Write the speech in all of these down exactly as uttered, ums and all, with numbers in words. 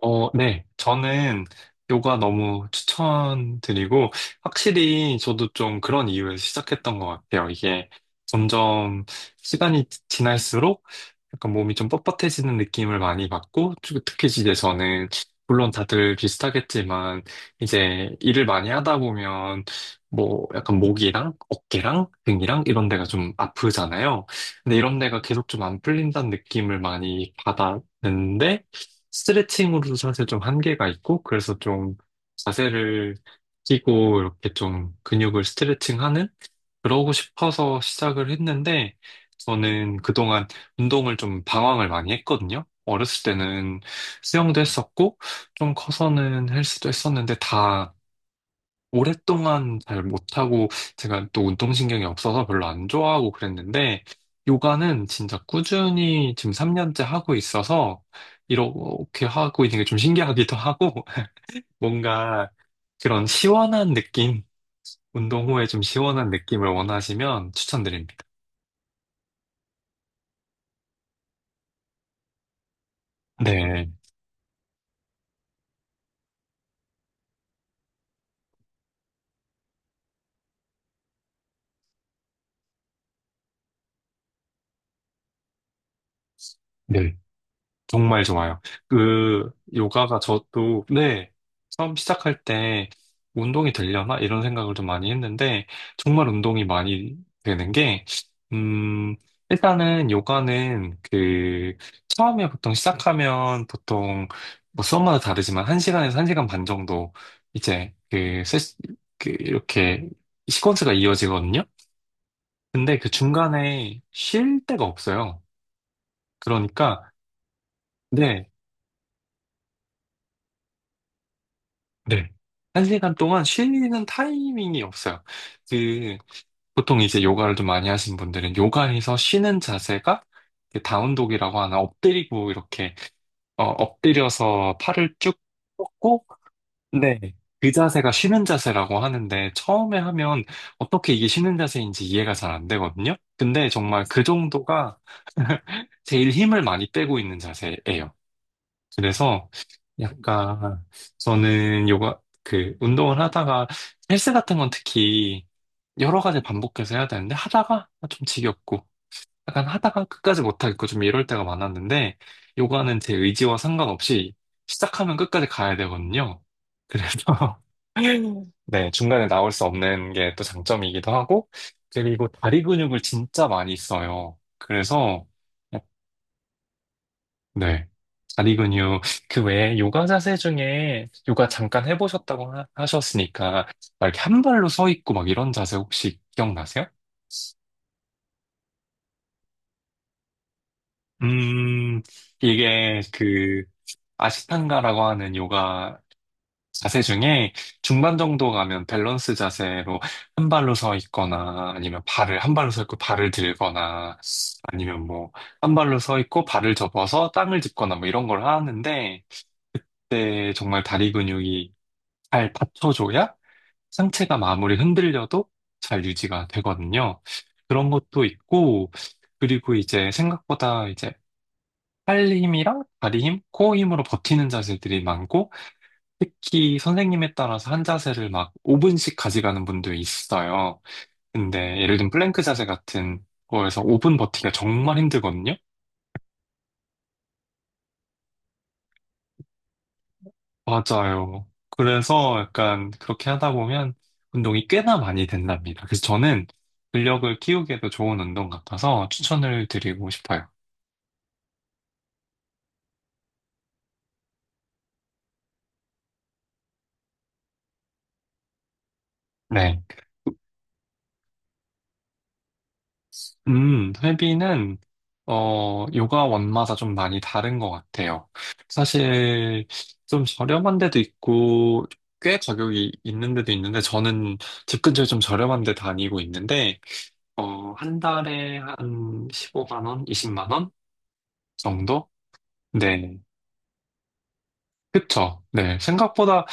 어, 네. 저는 요가 너무 추천드리고, 확실히 저도 좀 그런 이유에서 시작했던 것 같아요. 이게 점점 시간이 지날수록 약간 몸이 좀 뻣뻣해지는 느낌을 많이 받고, 특- 특히 이제 저는, 물론 다들 비슷하겠지만, 이제 일을 많이 하다 보면, 뭐 약간 목이랑 어깨랑 등이랑 이런 데가 좀 아프잖아요. 근데 이런 데가 계속 좀 안 풀린다는 느낌을 많이 받았는데, 스트레칭으로도 사실 좀 한계가 있고, 그래서 좀 자세를 끼고 이렇게 좀 근육을 스트레칭하는? 그러고 싶어서 시작을 했는데, 저는 그동안 운동을 좀 방황을 많이 했거든요. 어렸을 때는 수영도 했었고, 좀 커서는 헬스도 했었는데 다 오랫동안 잘 못하고 제가 또 운동신경이 없어서 별로 안 좋아하고 그랬는데 요가는 진짜 꾸준히 지금 삼 년째 하고 있어서 이렇게 하고 있는 게 좀 신기하기도 하고 뭔가 그런 시원한 느낌, 운동 후에 좀 시원한 느낌을 원하시면 추천드립니다. 네. 네. 정말 좋아요. 그, 요가가 저도, 네, 처음 시작할 때 운동이 되려나? 이런 생각을 좀 많이 했는데, 정말 운동이 많이 되는 게, 음, 일단은 요가는 그, 처음에 보통 시작하면 보통, 뭐 수업마다 다르지만, 한 시간에서 한 시간 반 정도, 이제, 그, 세, 그, 이렇게, 시퀀스가 이어지거든요? 근데 그 중간에 쉴 데가 없어요. 그러니까, 네. 네. 한 시간 동안 쉬는 타이밍이 없어요. 그, 보통 이제 요가를 좀 많이 하신 분들은 요가에서 쉬는 자세가 그 다운독이라고 하나, 엎드리고 이렇게, 어, 엎드려서 팔을 쭉 뻗고, 네. 그 자세가 쉬는 자세라고 하는데 처음에 하면 어떻게 이게 쉬는 자세인지 이해가 잘 안 되거든요. 근데 정말 그 정도가 제일 힘을 많이 빼고 있는 자세예요. 그래서 약간 저는 요가 그 운동을 하다가 헬스 같은 건 특히 여러 가지 반복해서 해야 되는데 하다가 좀 지겹고 약간 하다가 끝까지 못하겠고 좀 이럴 때가 많았는데 요가는 제 의지와 상관없이 시작하면 끝까지 가야 되거든요. 그래서 네, 중간에 나올 수 없는 게 또 장점이기도 하고 그리고 다리 근육을 진짜 많이 써요. 그래서 네. 다리 근육. 그 외에 요가 자세 중에 요가 잠깐 해보셨다고 하- 하셨으니까 막 이렇게 한 발로 서 있고 막 이런 자세 혹시 기억나세요? 음, 이게 그 아시탄가라고 하는 요가 자세 중에 중반 정도 가면 밸런스 자세로 한 발로 서 있거나, 아니면 발을 한 발로 서 있고 발을 들거나, 아니면 뭐 한 발로 서 있고 발을 접어서 땅을 짚거나 뭐 이런 걸 하는데 그때 정말 다리 근육이 잘 받쳐줘야 상체가 아무리 흔들려도 잘 유지가 되거든요. 그런 것도 있고, 그리고 이제 생각보다 이제 팔 힘이랑 다리 힘, 코어 힘으로 버티는 자세들이 많고, 특히 선생님에 따라서 한 자세를 막 오 분씩 가져가는 분도 있어요. 근데 예를 들면 플랭크 자세 같은 거에서 오 분 버티기가 정말 힘들거든요. 맞아요. 그래서 약간 그렇게 하다 보면 운동이 꽤나 많이 된답니다. 그래서 저는 근력을 키우기에도 좋은 운동 같아서 추천을 드리고 싶어요. 네. 음, 회비는, 어, 요가 원마다 좀 많이 다른 것 같아요. 사실 좀 저렴한 데도 있고, 꽤 가격이 있는 데도 있는데, 저는 집 근처에 좀 저렴한 데 다니고 있는데, 어, 한 달에 한 십오만 원, 이십만 원 정도? 네. 그쵸. 네. 생각보다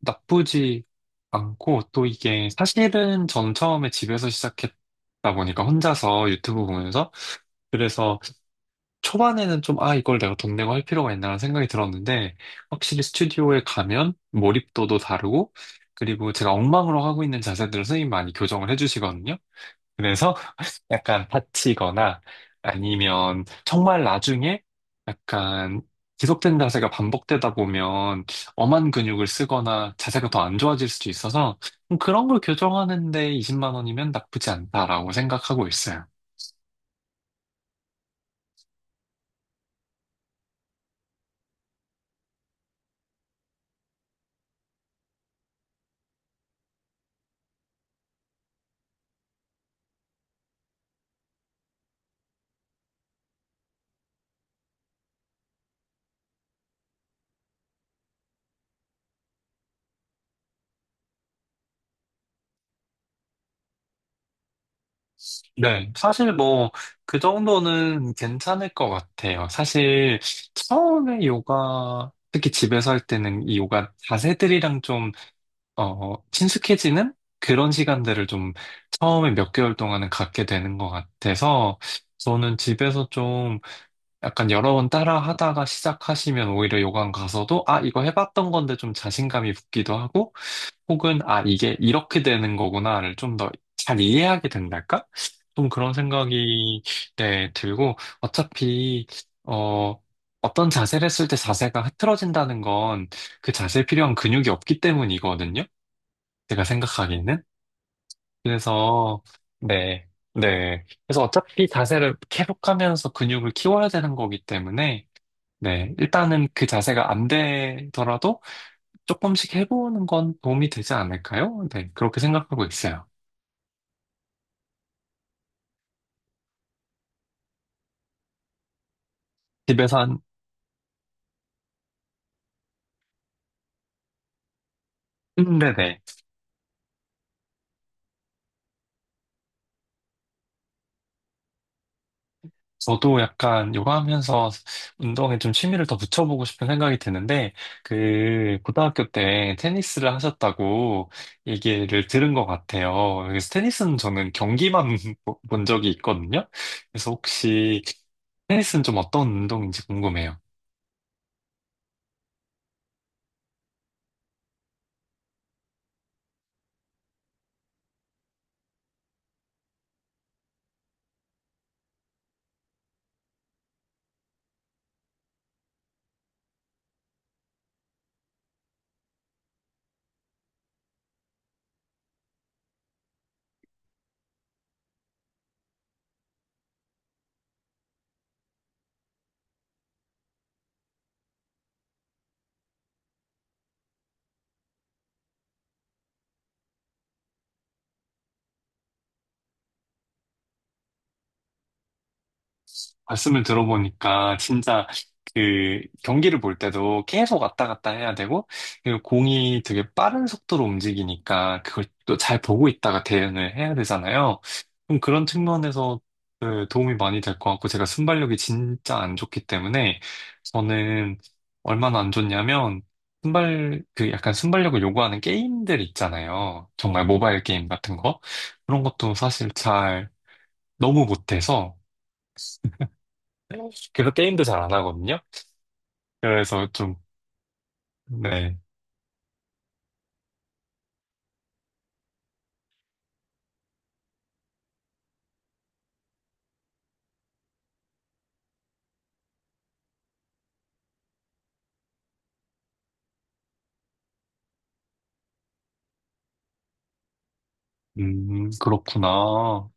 나쁘지 않고, 또 이게 사실은 전 처음에 집에서 시작했다 보니까 혼자서 유튜브 보면서, 그래서 초반에는 좀, 아, 이걸 내가 돈 내고 할 필요가 있나라는 생각이 들었는데, 확실히 스튜디오에 가면 몰입도도 다르고, 그리고 제가 엉망으로 하고 있는 자세들을 선생님이 많이 교정을 해주시거든요. 그래서 약간 다치거나 아니면 정말 나중에 약간 지속된 자세가 반복되다 보면 엄한 근육을 쓰거나 자세가 더 안 좋아질 수도 있어서 그런 걸 교정하는데 이십만 원이면 나쁘지 않다라고 생각하고 있어요. 네, 사실 뭐 그 정도는 괜찮을 것 같아요. 사실 처음에 요가 특히 집에서 할 때는 이 요가 자세들이랑 좀 어, 어, 친숙해지는 그런 시간들을 좀 처음에 몇 개월 동안은 갖게 되는 것 같아서 저는 집에서 좀 약간 여러 번 따라 하다가 시작하시면 오히려 요강 가서도 아, 이거 해봤던 건데 좀 자신감이 붙기도 하고 혹은 아, 이게 이렇게 되는 거구나를 좀 더 잘 이해하게 된달까? 좀 그런 생각이 네, 들고 어차피 어, 어떤 자세를 했을 때 자세가 흐트러진다는 건 그 자세에 필요한 근육이 없기 때문이거든요. 제가 생각하기는? 그래서, 네, 네. 그래서 어차피 자세를 계속 하면서 근육을 키워야 되는 거기 때문에, 네, 일단은 그 자세가 안 되더라도 조금씩 해보는 건 도움이 되지 않을까요? 네, 그렇게 생각하고 있어요. 집에서 한, 음, 네네. 저도 약간 요가 하면서 운동에 좀 취미를 더 붙여보고 싶은 생각이 드는데, 그, 고등학교 때 테니스를 하셨다고 얘기를 들은 것 같아요. 그래서 테니스는 저는 경기만 보- 본 적이 있거든요. 그래서 혹시 테니스는 좀 어떤 운동인지 궁금해요. 말씀을 들어보니까 진짜 그 경기를 볼 때도 계속 왔다 갔다 해야 되고 그리고 공이 되게 빠른 속도로 움직이니까 그걸 또 잘 보고 있다가 대응을 해야 되잖아요. 그럼 그런 측면에서 그 도움이 많이 될 것 같고 제가 순발력이 진짜 안 좋기 때문에 저는 얼마나 안 좋냐면 순발 그 약간 순발력을 요구하는 게임들 있잖아요. 정말 모바일 게임 같은 거 그런 것도 사실 잘 너무 못해서 그래서 게임도 잘 안 하거든요. 그래서 좀, 네. 음, 그렇구나.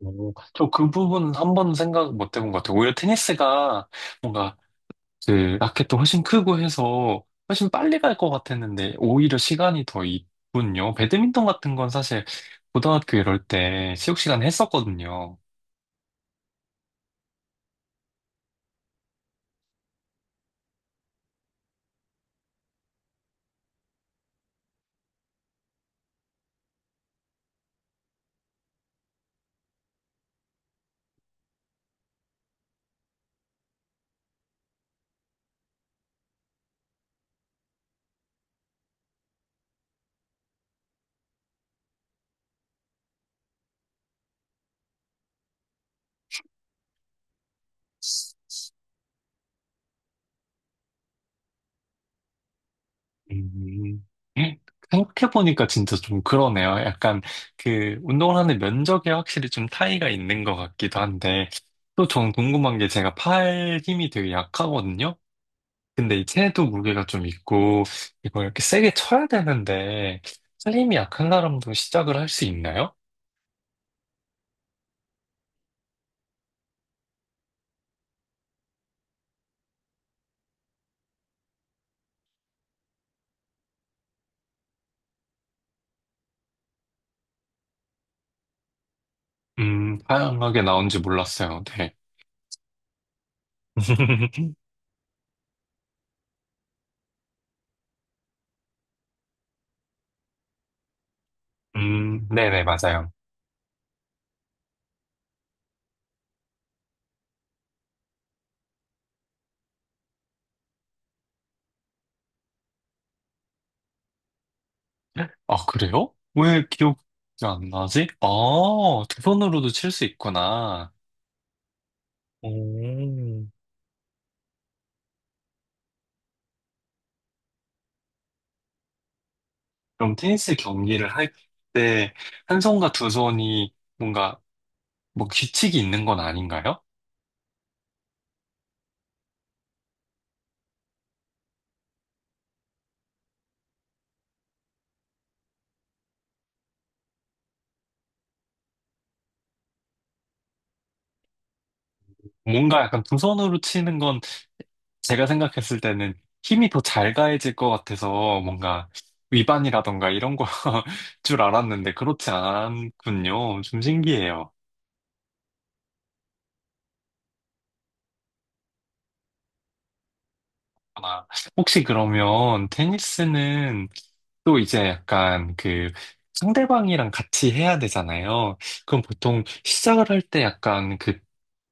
오, 저그 부분은 한 번도 생각 못 해본 것 같아요. 오히려 테니스가 뭔가 그 라켓도 훨씬 크고 해서 훨씬 빨리 갈 것 같았는데 오히려 시간이 더 있군요. 배드민턴 같은 건 사실 고등학교 이럴 때 체육 시간에 했었거든요. 음, 생각해보니까 진짜 좀 그러네요. 약간 그 운동을 하는 면적에 확실히 좀 차이가 있는 것 같기도 한데, 또 전 궁금한 게 제가 팔 힘이 되게 약하거든요? 근데 이 체도 무게가 좀 있고, 이걸 이렇게 세게 쳐야 되는데, 팔 힘이 약한 사람도 시작을 할 수 있나요? 음, 다양하게 나온지 몰랐어요. 네. 음, 네네, 맞아요. 아, 그래요? 왜 기억이 안 나지? 아, 두 손으로도 칠 수 있구나. 음. 그럼 테니스 경기를 할 때, 한 손과 두 손이 뭔가, 뭐 규칙이 있는 건 아닌가요? 뭔가 약간 두 손으로 치는 건 제가 생각했을 때는 힘이 더 잘 가해질 것 같아서 뭔가 위반이라던가 이런 거 줄 알았는데 그렇지 않군요. 좀 신기해요. 아, 혹시 그러면 테니스는 또 이제 약간 그 상대방이랑 같이 해야 되잖아요. 그럼 보통 시작을 할 때 약간 그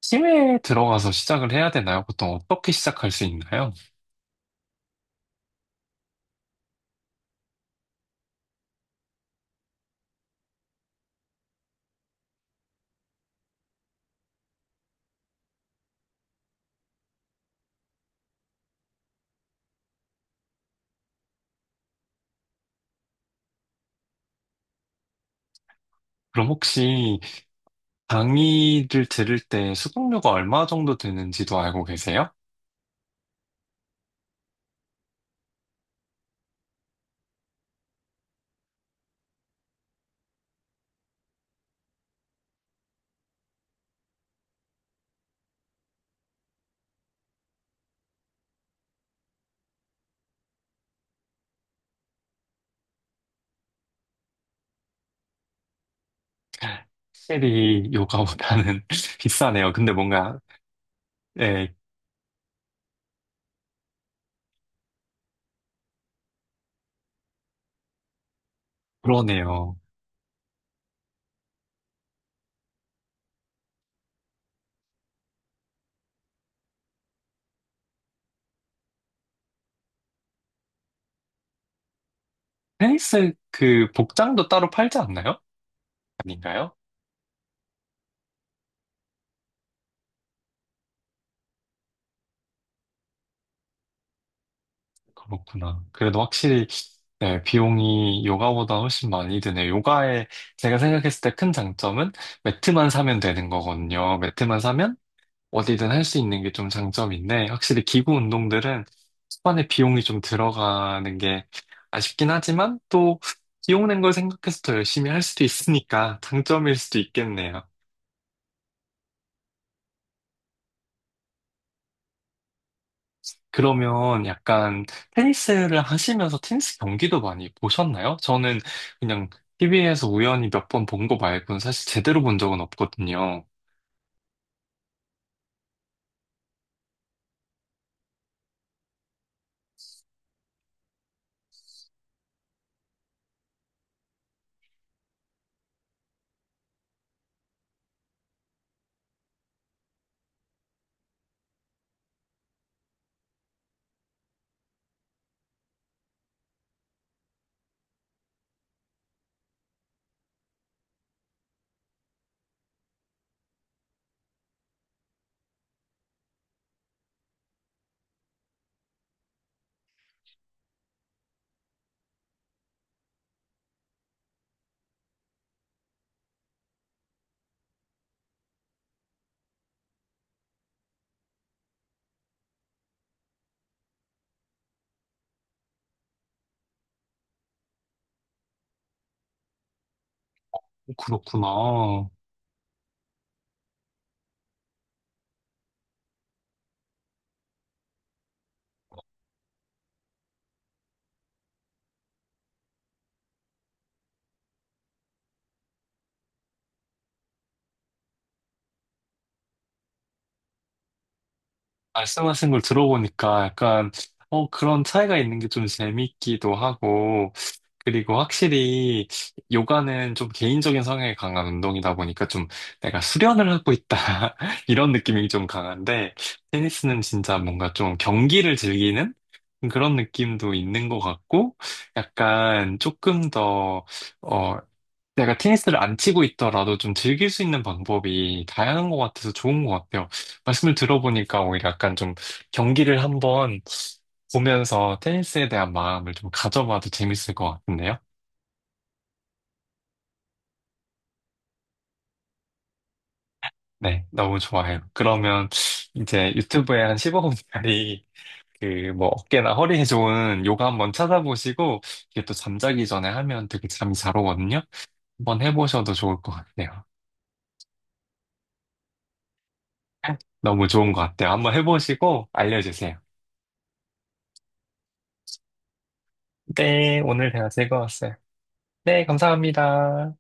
팀에 들어가서 시작을 해야 되나요? 보통 어떻게 시작할 수 있나요? 그럼 혹시 강의를 들을 때 수강료가 얼마 정도 드는지도 알고 계세요? 확실히 요가보다는 비싸네요. 근데 뭔가, 예, 그러네요. 테니스 그 복장도 따로 팔지 않나요? 아닌가요? 그렇구나. 그래도 확실히 네, 비용이 요가보다 훨씬 많이 드네. 요가에 제가 생각했을 때 큰 장점은 매트만 사면 되는 거거든요. 매트만 사면 어디든 할 수 있는 게 좀 장점인데 확실히 기구 운동들은 초반에 비용이 좀 들어가는 게 아쉽긴 하지만 또 비용 낸 걸 생각해서 더 열심히 할 수도 있으니까 장점일 수도 있겠네요. 그러면 약간 테니스를 하시면서 테니스 경기도 많이 보셨나요? 저는 그냥 티비에서 우연히 몇 번 본 거 말고는 사실 제대로 본 적은 없거든요. 그렇구나. 말씀하신 걸 들어보니까 약간, 어, 그런 차이가 있는 게 좀 재밌기도 하고, 그리고 확실히 요가는 좀 개인적인 성향이 강한 운동이다 보니까 좀 내가 수련을 하고 있다. 이런 느낌이 좀 강한데, 테니스는 진짜 뭔가 좀 경기를 즐기는 그런 느낌도 있는 것 같고, 약간 조금 더, 어, 내가 테니스를 안 치고 있더라도 좀 즐길 수 있는 방법이 다양한 것 같아서 좋은 것 같아요. 말씀을 들어보니까 오히려 약간 좀 경기를 한번 보면서 테니스에 대한 마음을 좀 가져봐도 재밌을 것 같은데요? 네, 너무 좋아요. 그러면 이제 유튜브에 한 십오 분짜리 그 뭐 어깨나 허리에 좋은 요가 한번 찾아보시고 이게 또 잠자기 전에 하면 되게 잠이 잘 오거든요. 한번 해보셔도 좋을 것 같아요. 너무 좋은 것 같아요. 한번 해보시고 알려주세요. 네, 오늘 대화 즐거웠어요. 네, 감사합니다.